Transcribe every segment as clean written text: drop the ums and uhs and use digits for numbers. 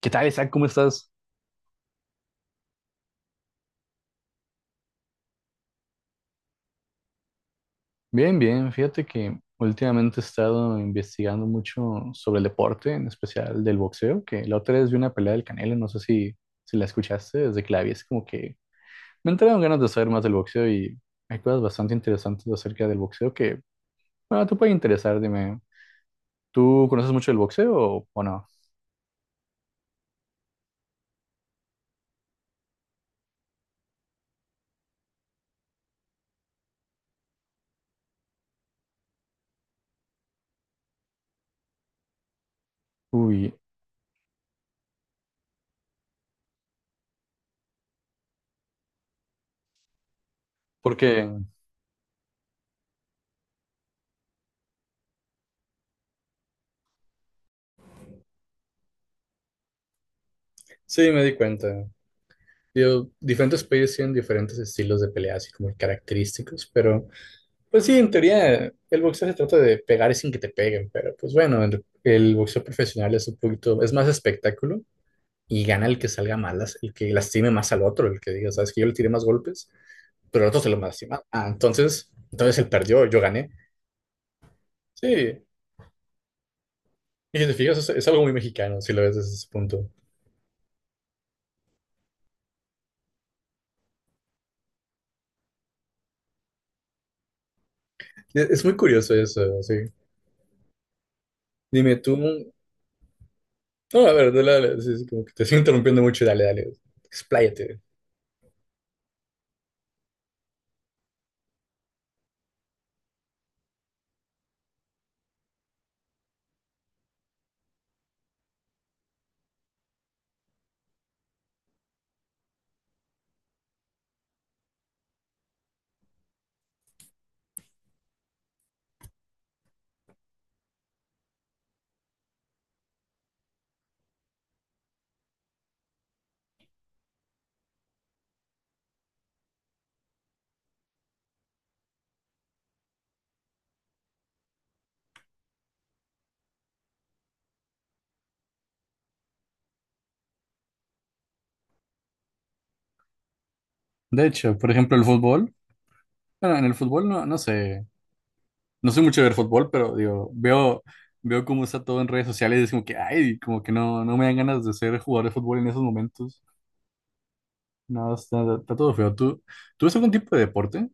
¿Qué tal, Isaac? ¿Cómo estás? Bien, bien, fíjate que últimamente he estado investigando mucho sobre el deporte, en especial del boxeo, que la otra vez vi una pelea del Canelo, no sé si la escuchaste. Desde que la vi es como que me entraron ganas de saber más del boxeo, y hay cosas bastante interesantes acerca del boxeo que, bueno, te puede interesar. Dime, ¿tú conoces mucho del boxeo o no? Uy, porque sí, me di cuenta. Digo, diferentes países tienen diferentes estilos de pelea, así como característicos, pero... Pues sí, en teoría el boxeo se trata de pegar sin que te peguen, pero pues bueno, el boxeo profesional es un poquito, es más espectáculo, y gana el que salga mal, el que lastime más al otro, el que diga, sabes que yo le tiré más golpes, pero el otro se lo lastima. Ah, entonces, entonces él perdió, yo gané. Sí, y si te fijas, es algo muy mexicano si lo ves desde ese punto. Es muy curioso eso, sí. Dime tú, no, a ver, dale, dale, sí, sí, como que te estoy interrumpiendo mucho, dale, dale, expláyate. De hecho, por ejemplo, el fútbol, bueno, en el fútbol no, no sé. No soy mucho de ver fútbol, pero digo, veo cómo está todo en redes sociales y es como que, ay, como que no, no me dan ganas de ser jugador de fútbol en esos momentos. No, está todo feo. ¿Tú ves algún tipo de deporte?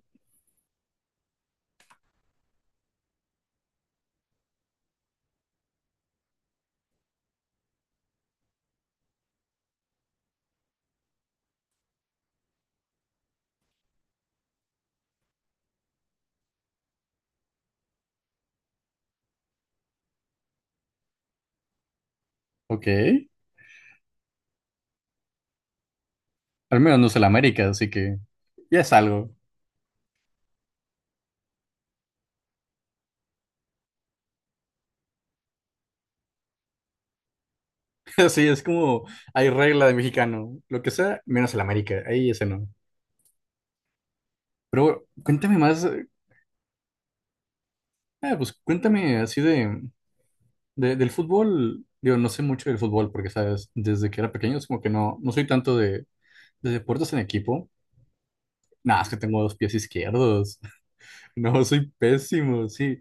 Ok. Al menos no es el América, así que ya es algo. Así es como hay regla de mexicano. Lo que sea, menos el América. Ahí ese no. Pero bueno, cuéntame más, ah, pues cuéntame así de, del fútbol. Digo, no sé mucho del fútbol porque, sabes, desde que era pequeño es como que no, no soy tanto de deportes en equipo. Nada, es que tengo dos pies izquierdos. No, soy pésimo, sí.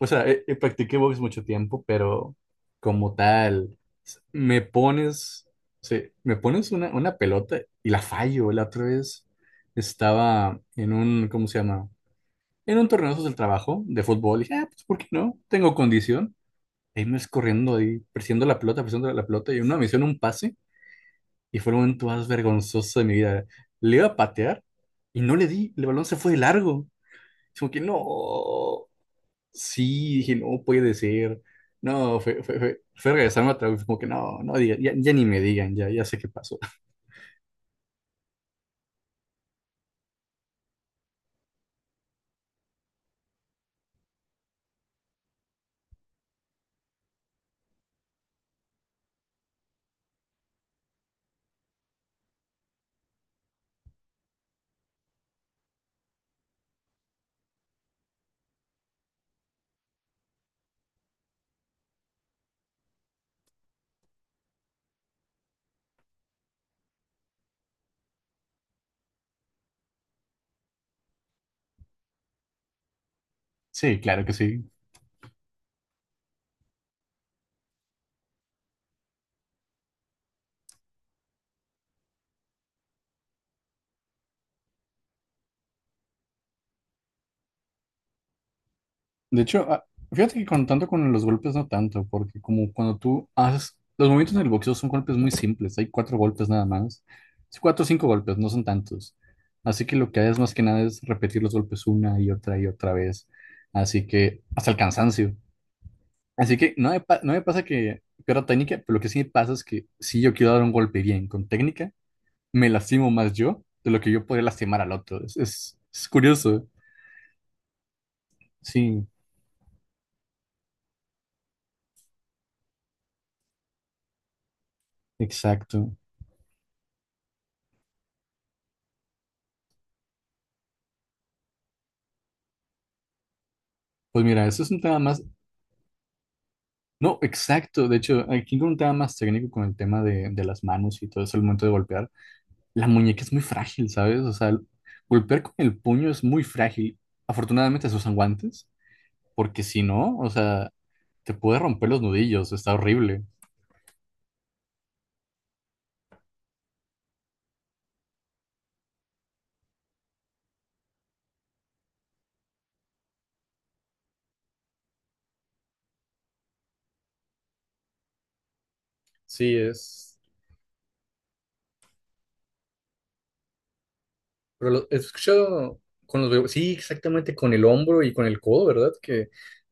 O sea, practiqué box mucho tiempo, pero como tal, s- me pones, sí, me pones una pelota y la fallo. La otra vez estaba en un, ¿cómo se llama? En un torneo de esos del trabajo de fútbol. Y dije, ah, pues, ¿por qué no? Tengo condición. Ahí me ves corriendo, ahí, presionando la pelota, presionando la pelota. Y una misión, un pase. Y fue el momento más vergonzoso de mi vida. Le iba a patear y no le di. El balón se fue de largo. Es como que no, sí, dije, no puede ser. No, fue regresarme otra vez, como que no, ya, ya ni me digan, ya, ya sé qué pasó. Sí, claro que sí. De hecho, ah, fíjate que con tanto con los golpes no tanto, porque como cuando tú haces, los movimientos en el boxeo son golpes muy simples, hay cuatro golpes nada más. Es cuatro o cinco golpes, no son tantos. Así que lo que haces más que nada es repetir los golpes una y otra vez. Así que hasta el cansancio. Así que no me, no me pasa que pierda técnica, pero lo que sí me pasa es que si yo quiero dar un golpe bien con técnica, me lastimo más yo de lo que yo podría lastimar al otro. Es curioso. Sí, exacto. Pues mira, eso es un tema más... No, exacto. De hecho, aquí con un tema más técnico con el tema de las manos y todo eso, el momento de golpear. La muñeca es muy frágil, ¿sabes? O sea, golpear con el puño es muy frágil. Afortunadamente se usan guantes, porque si no, o sea, te puede romper los nudillos. Está horrible. Sí, es. He escuchado con los bebés. Sí, exactamente con el hombro y con el codo, ¿verdad? Que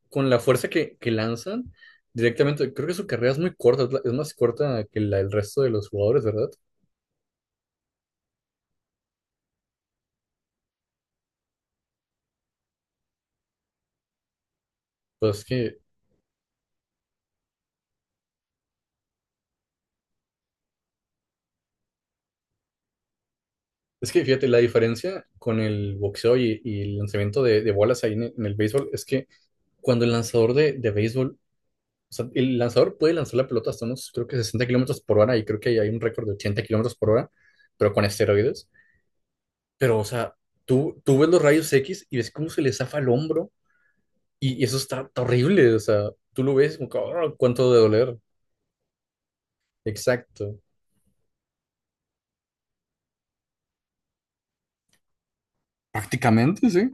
con la fuerza que lanzan directamente. Creo que su carrera es muy corta, es más corta que la del resto de los jugadores, ¿verdad? Pues es que fíjate, la diferencia con el boxeo y el lanzamiento de bolas ahí en el béisbol es que cuando el lanzador de béisbol. O sea, el lanzador puede lanzar la pelota hasta unos, creo que 60 km/h, y creo que hay un récord de 80 km/h, pero con esteroides. Pero, o sea, tú ves los rayos X y ves cómo se le zafa el hombro y eso está horrible. O sea, tú lo ves como, que, "Ah, cuánto de doler". Exacto. Prácticamente, sí.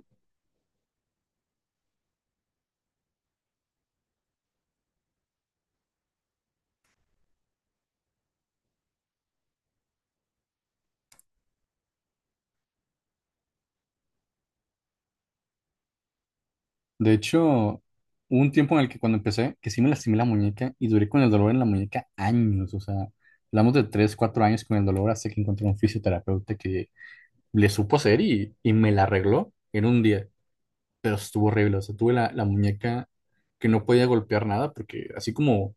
De hecho, hubo un tiempo en el que cuando empecé, que sí me lastimé la muñeca y duré con el dolor en la muñeca años. O sea, hablamos de 3 4 años con el dolor hasta que encontré un fisioterapeuta que le supo hacer y me la arregló en un día. Pero estuvo horrible. O sea, tuve la muñeca que no podía golpear nada porque así como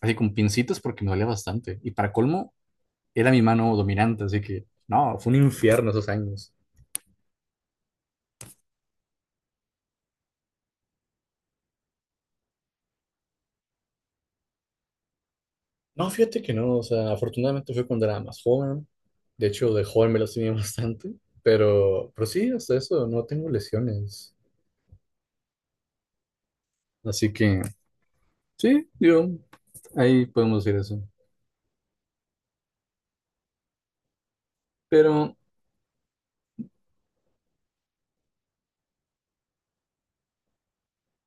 así con pincitas porque me dolía bastante. Y para colmo, era mi mano dominante, así que no, fue un infierno esos años. No, fíjate que no, o sea, afortunadamente fue cuando era más joven. De hecho, de joven me las tenía bastante, pero sí, hasta eso, no tengo lesiones. Así que sí, yo, ahí podemos decir eso. Pero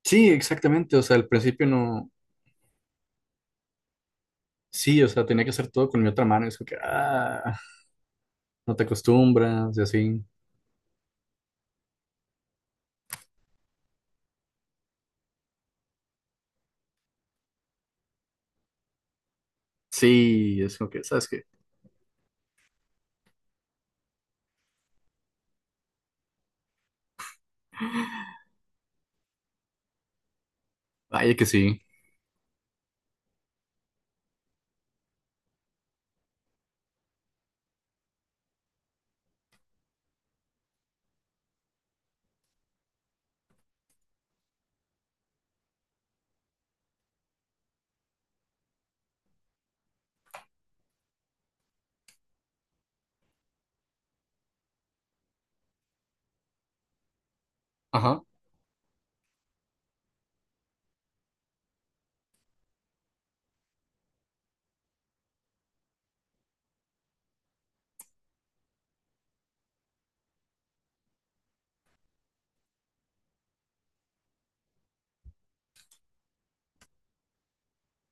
sí, exactamente, o sea, al principio no, sí, o sea, tenía que hacer todo con mi otra mano, es como que, ah, no te acostumbras y así. Sí, es como que, ¿sabes qué? Vaya que sí. Ajá.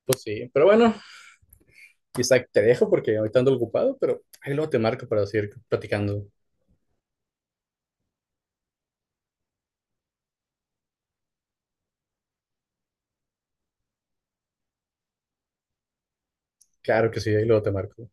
Pues sí, pero bueno, Isaac, te dejo porque ahorita ando ocupado, pero ahí luego te marco para seguir platicando. Claro que sí, ahí luego te marco.